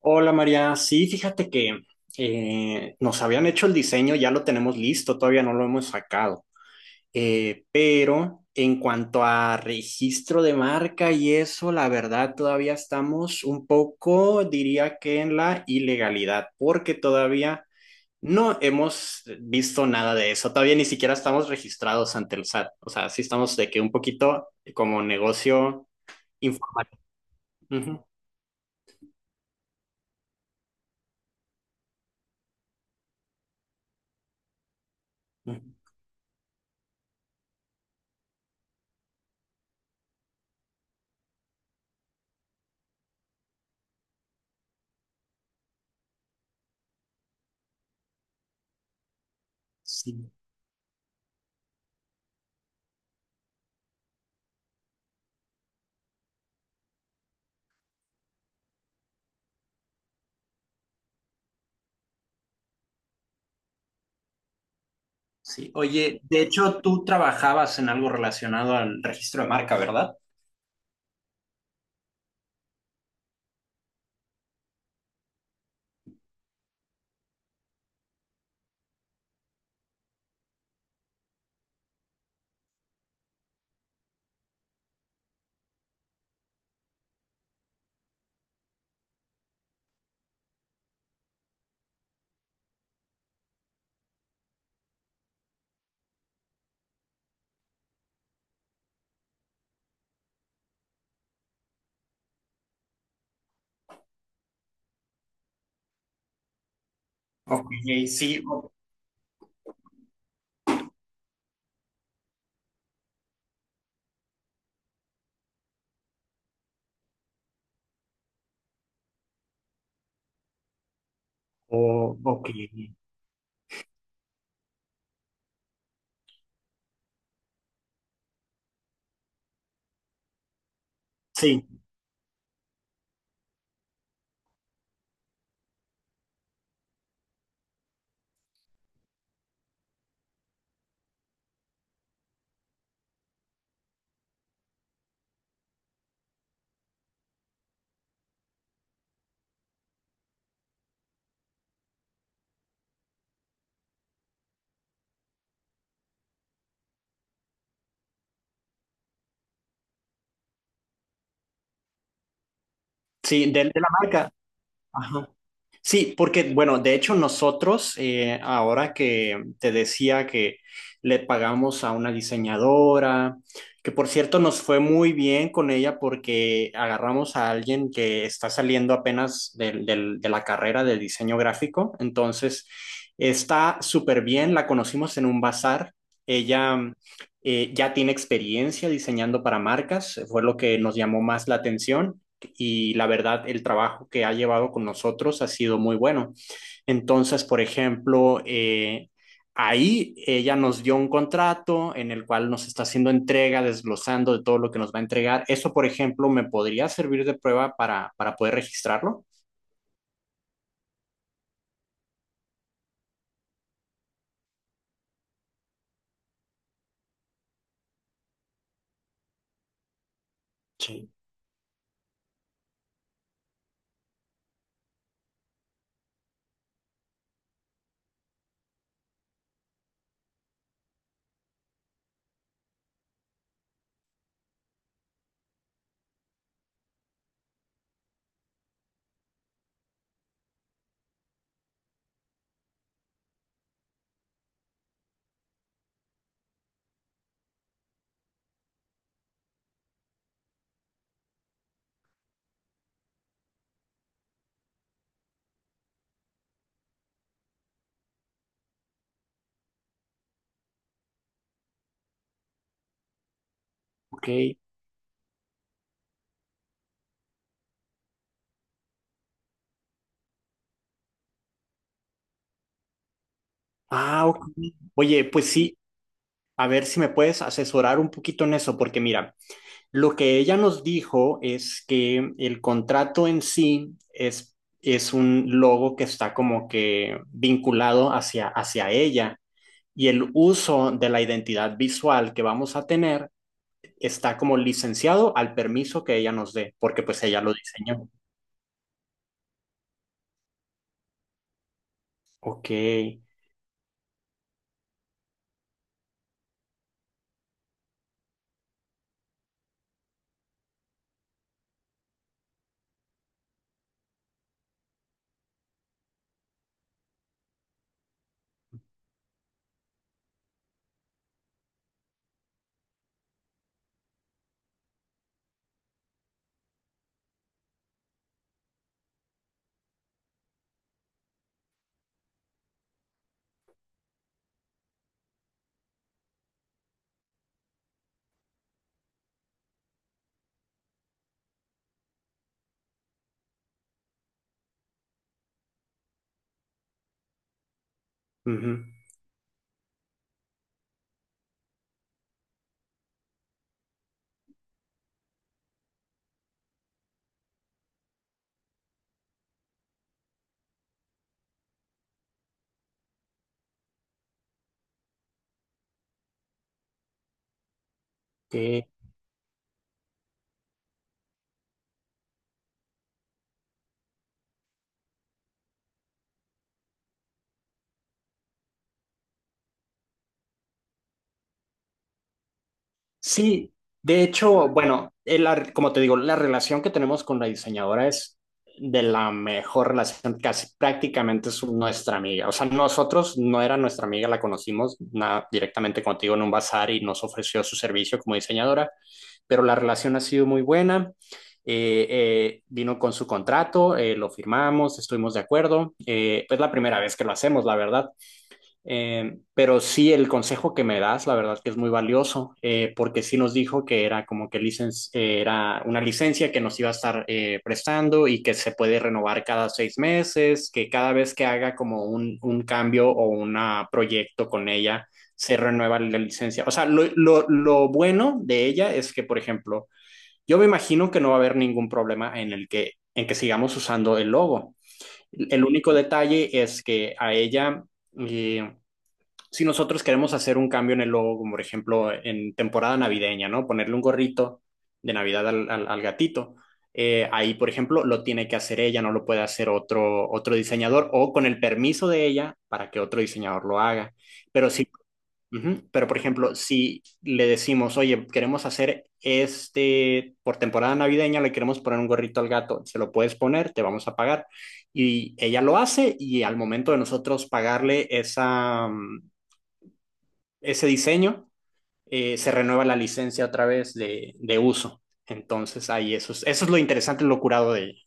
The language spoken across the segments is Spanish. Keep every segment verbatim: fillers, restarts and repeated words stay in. Hola María, sí, fíjate que eh, nos habían hecho el diseño, ya lo tenemos listo, todavía no lo hemos sacado. Eh, pero en cuanto a registro de marca y eso, la verdad todavía estamos un poco, diría que en la ilegalidad, porque todavía no hemos visto nada de eso, todavía ni siquiera estamos registrados ante el S A T. O sea, sí estamos de que un poquito como negocio informal. Ujú, ujú. Sí. Sí, oye, de hecho tú trabajabas en algo relacionado al registro de marca, ¿verdad? Ok, sí, o- o- ok, sí, sí, de, de la marca. Ajá. Sí, porque, bueno, de hecho nosotros, eh, ahora que te decía que le pagamos a una diseñadora, que por cierto nos fue muy bien con ella porque agarramos a alguien que está saliendo apenas del- del- de la carrera de diseño gráfico, entonces está súper bien, la conocimos en un bazar, ella eh, ya tiene experiencia diseñando para marcas, fue lo que nos llamó más la atención y la verdad el trabajo que ha llevado con nosotros ha sido muy bueno. Entonces, por ejemplo, eh, ahí ella nos dio un contrato en el cual nos está haciendo entrega, desglosando de todo lo que nos va a entregar. Eso, por ejemplo, me podría servir de prueba para, para poder registrarlo. Sí. Ok. Ah, ok. Oye, pues sí, a ver si me puedes asesorar un poquito en eso, porque mira, lo que ella nos dijo es que el contrato en sí es, es un logo que está como que vinculado hacia, hacia ella y el uso de la identidad visual que vamos a tener está como licenciado al permiso que ella nos dé, porque pues ella lo diseñó. Ok. Ujú, ok. Sí, de hecho, bueno, el ar- como te digo, la relación que tenemos con la diseñadora es de la mejor relación, casi prácticamente es nuestra amiga. O sea, nosotros no era nuestra amiga, la conocimos na- directamente contigo en un bazar y nos ofreció su servicio como diseñadora, pero la relación ha sido muy buena. Eh, eh, vino con su contrato, eh, lo firmamos, estuvimos de acuerdo. Eh, es la primera vez que lo hacemos, la verdad. Eh, pero sí, el consejo que me das, la verdad que es muy valioso, eh, porque sí nos dijo que era como que licen- eh, era una licencia que nos iba a estar eh, prestando y que se puede renovar cada seis meses, que cada vez que haga como un, un cambio o un proyecto con ella, se renueva la licencia. O sea, lo, lo, lo bueno de ella es que, por ejemplo, yo me imagino que no va a haber ningún problema en el que, en que sigamos usando el logo. El único detalle es que a ella... eh, si nosotros queremos hacer un cambio en el logo, como por ejemplo en temporada navideña, ¿no? Ponerle un gorrito de Navidad al, al- al gatito. Eh, ahí, por ejemplo, lo tiene que hacer ella, no lo puede hacer otro, otro diseñador o con el permiso de ella para que otro diseñador lo haga. Pero sí, ujú, pero por ejemplo, si le decimos, oye, queremos hacer este, por temporada navideña le queremos poner un gorrito al gato, se lo puedes poner, te vamos a pagar. Y ella lo hace y al momento de nosotros pagarle esa, mm, ese diseño, eh, se renueva la licencia otra vez de, de uso. Entonces, ahí eso es, eso es lo interesante, lo curado de ella.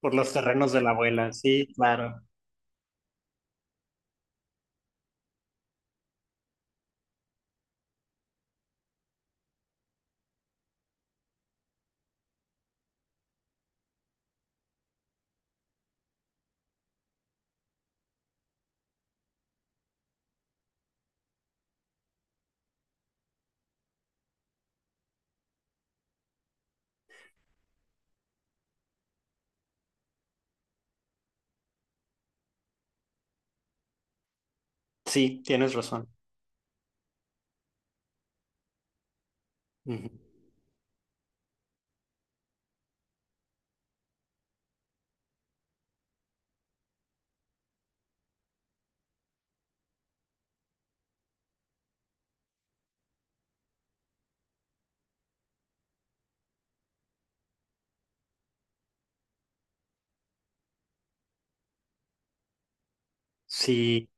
Por los terrenos de la abuela, sí, claro. Sí, tienes razón. Ujú. Sí,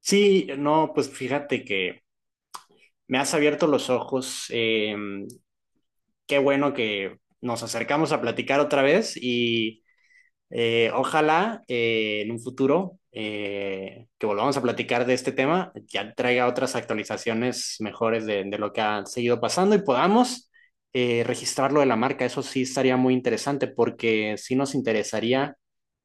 sí, no, pues fíjate que me has abierto los ojos. Eh, qué bueno que nos acercamos a platicar otra vez y Eh, ojalá eh, en un futuro eh, que volvamos a platicar de este tema, ya traiga otras actualizaciones mejores de, de lo que ha seguido pasando y podamos eh, registrar lo de la marca. Eso sí estaría muy interesante porque sí nos interesaría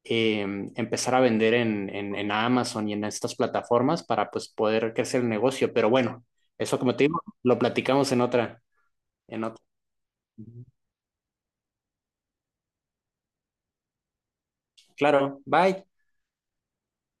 eh, empezar a vender en, en, en Amazon y en estas plataformas para pues, poder crecer el negocio. Pero bueno, eso como te digo, lo platicamos en otra, en otra. Claro, bye.